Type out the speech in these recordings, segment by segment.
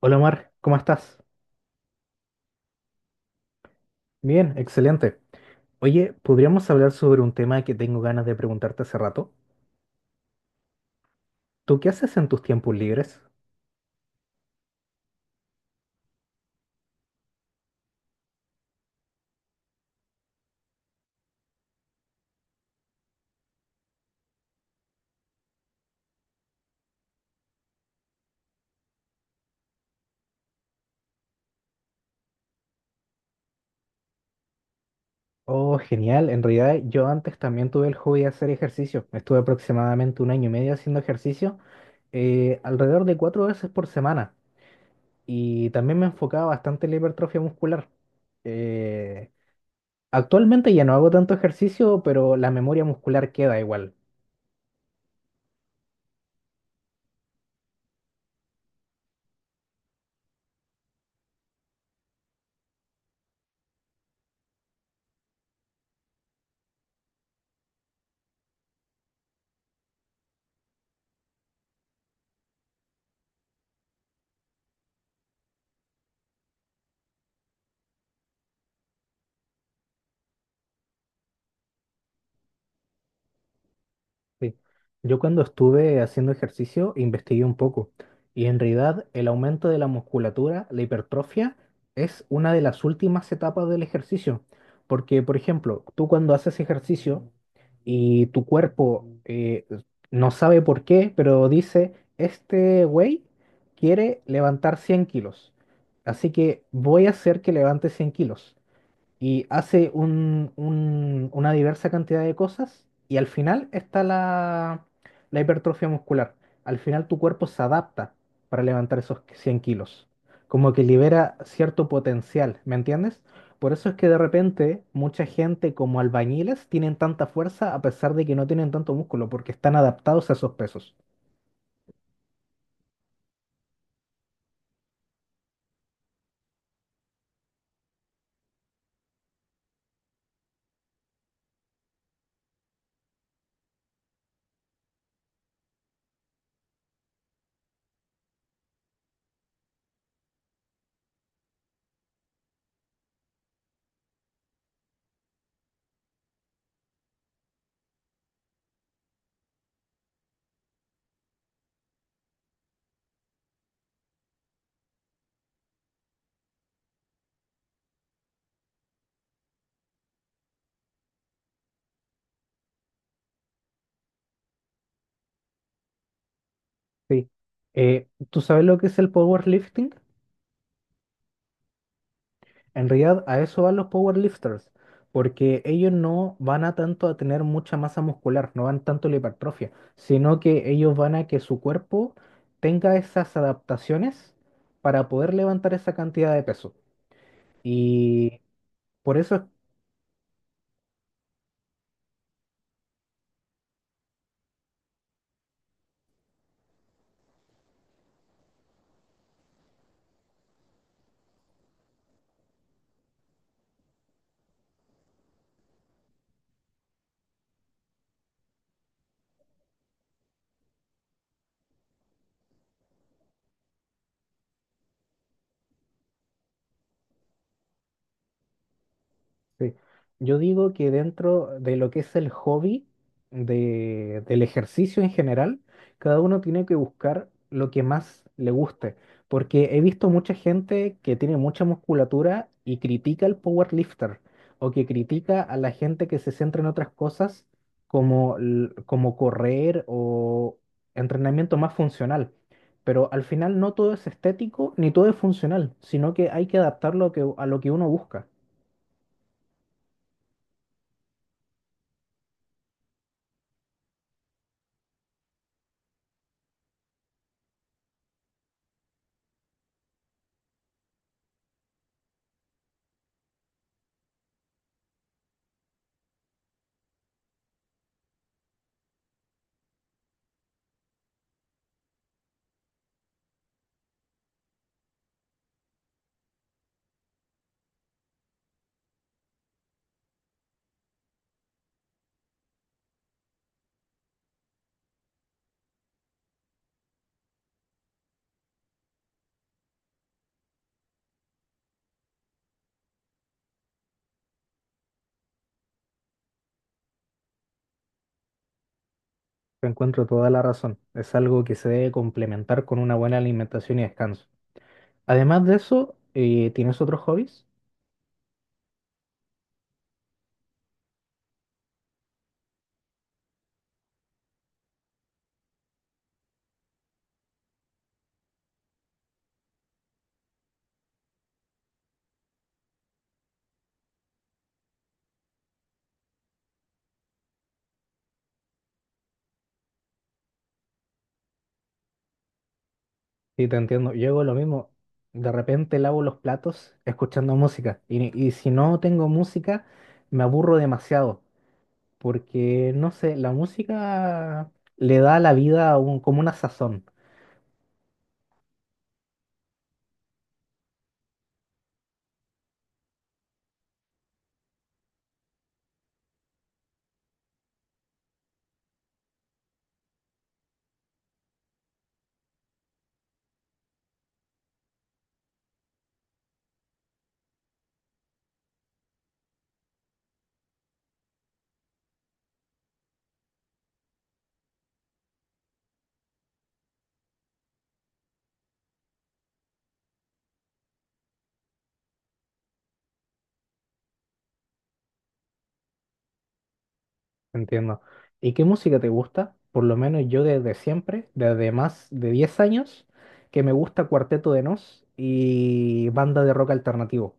Hola Omar, ¿cómo estás? Bien, excelente. Oye, ¿podríamos hablar sobre un tema que tengo ganas de preguntarte hace rato? ¿Tú qué haces en tus tiempos libres? Oh, genial. En realidad yo antes también tuve el hobby de hacer ejercicio. Estuve aproximadamente un año y medio haciendo ejercicio, alrededor de 4 veces por semana. Y también me enfocaba bastante en la hipertrofia muscular. Eh, actualmente ya no hago tanto ejercicio, pero la memoria muscular queda igual. Sí. Yo cuando estuve haciendo ejercicio investigué un poco y en realidad el aumento de la musculatura, la hipertrofia, es una de las últimas etapas del ejercicio. Porque, por ejemplo, tú cuando haces ejercicio y tu cuerpo no sabe por qué, pero dice, este güey quiere levantar 100 kilos, así que voy a hacer que levante 100 kilos y hace una diversa cantidad de cosas y al final está la hipertrofia muscular. Al final tu cuerpo se adapta para levantar esos 100 kilos, como que libera cierto potencial, ¿me entiendes? Por eso es que de repente mucha gente como albañiles tienen tanta fuerza a pesar de que no tienen tanto músculo, porque están adaptados a esos pesos. Sí. ¿Tú sabes lo que es el powerlifting? En realidad, a eso van los powerlifters, porque ellos no van a tanto a tener mucha masa muscular, no van tanto a la hipertrofia, sino que ellos van a que su cuerpo tenga esas adaptaciones para poder levantar esa cantidad de peso. Y por eso es Sí. Yo digo que dentro de lo que es el hobby del ejercicio en general, cada uno tiene que buscar lo que más le guste, porque he visto mucha gente que tiene mucha musculatura y critica al powerlifter o que critica a la gente que se centra en otras cosas como, como correr o entrenamiento más funcional. Pero al final no todo es estético ni todo es funcional, sino que hay que adaptarlo a lo que uno busca. Te encuentro toda la razón. Es algo que se debe complementar con una buena alimentación y descanso. Además de eso, ¿tienes otros hobbies? Sí, te entiendo. Yo hago lo mismo. De repente lavo los platos escuchando música. Y si no tengo música, me aburro demasiado. Porque, no sé, la música le da a la vida como una sazón. Entiendo. ¿Y qué música te gusta? Por lo menos yo desde siempre, desde más de 10 años, que me gusta Cuarteto de Nos y banda de rock alternativo,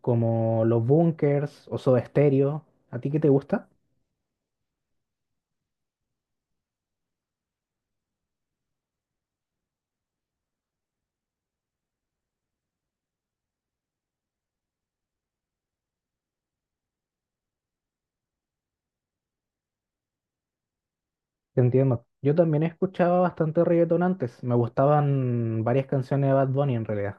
como Los Bunkers o Soda Stereo. ¿A ti qué te gusta? Te entiendo. Yo también escuchaba bastante reggaetón antes. Me gustaban varias canciones de Bad Bunny en realidad.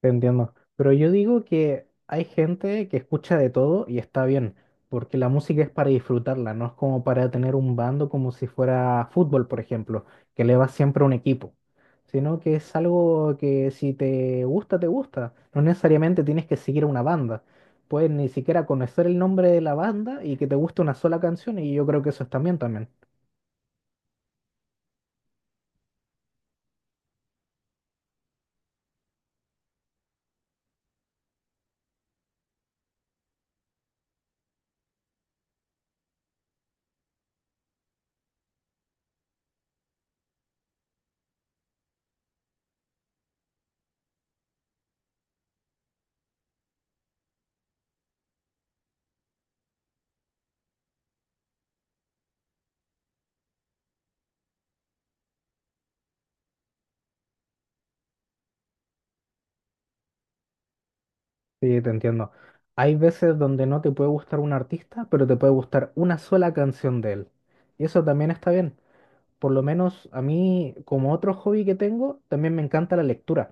Te entiendo. Pero yo digo que hay gente que escucha de todo y está bien, porque la música es para disfrutarla, no es como para tener un bando como si fuera fútbol, por ejemplo, que le va siempre a un equipo, sino que es algo que si te gusta, te gusta. No necesariamente tienes que seguir a una banda. Puedes ni siquiera conocer el nombre de la banda y que te guste una sola canción y yo creo que eso está bien también. Sí, te entiendo. Hay veces donde no te puede gustar un artista, pero te puede gustar una sola canción de él. Y eso también está bien. Por lo menos a mí, como otro hobby que tengo, también me encanta la lectura.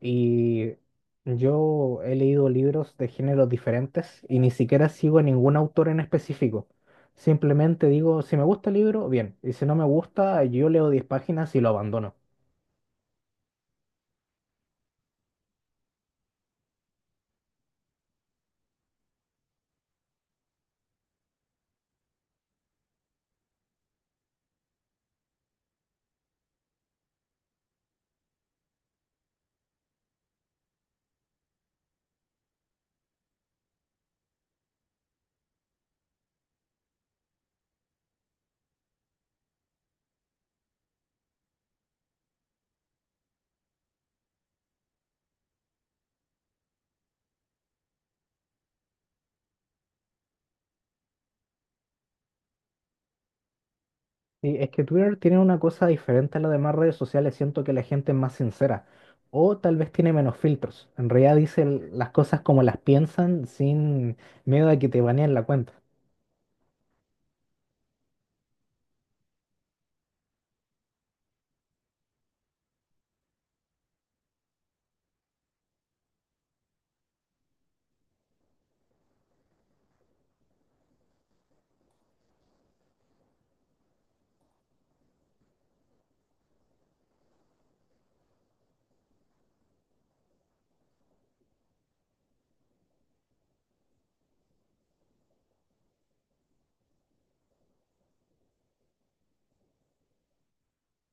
Y yo he leído libros de géneros diferentes y ni siquiera sigo a ningún autor en específico. Simplemente digo, si me gusta el libro, bien. Y si no me gusta, yo leo 10 páginas y lo abandono. Sí, es que Twitter tiene una cosa diferente a las demás redes sociales. Siento que la gente es más sincera. O tal vez tiene menos filtros. En realidad dicen las cosas como las piensan sin miedo a que te baneen la cuenta.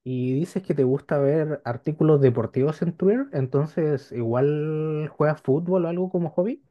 Y dices que te gusta ver artículos deportivos en Twitter, entonces igual juegas fútbol o algo como hobby.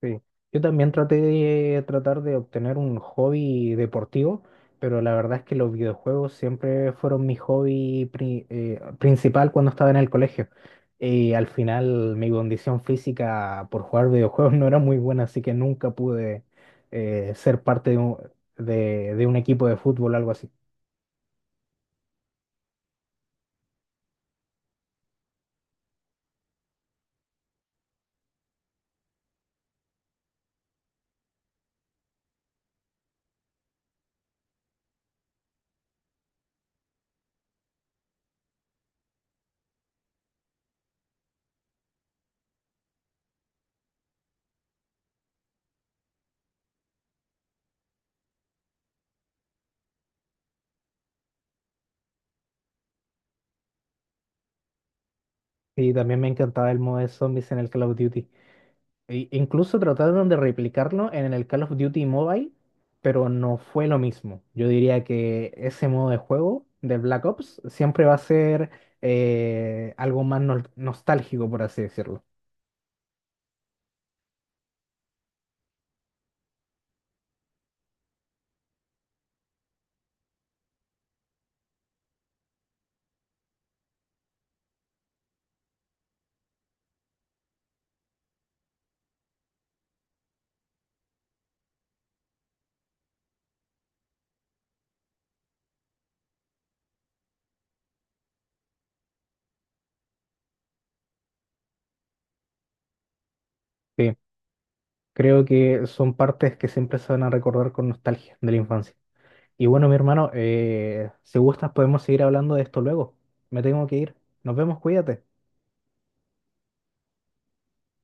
Sí. Yo también traté de tratar de obtener un hobby deportivo, pero la verdad es que los videojuegos siempre fueron mi hobby principal cuando estaba en el colegio. Y al final mi condición física por jugar videojuegos no era muy buena, así que nunca pude ser parte de de un equipo de fútbol o algo así. Y también me encantaba el modo de zombies en el Call of Duty. Incluso trataron de replicarlo en el Call of Duty Mobile, pero no fue lo mismo. Yo diría que ese modo de juego del Black Ops siempre va a ser algo más nostálgico, por así decirlo. Sí, creo que son partes que siempre se van a recordar con nostalgia de la infancia. Y bueno, mi hermano, si gustas podemos seguir hablando de esto luego. Me tengo que ir. Nos vemos, cuídate.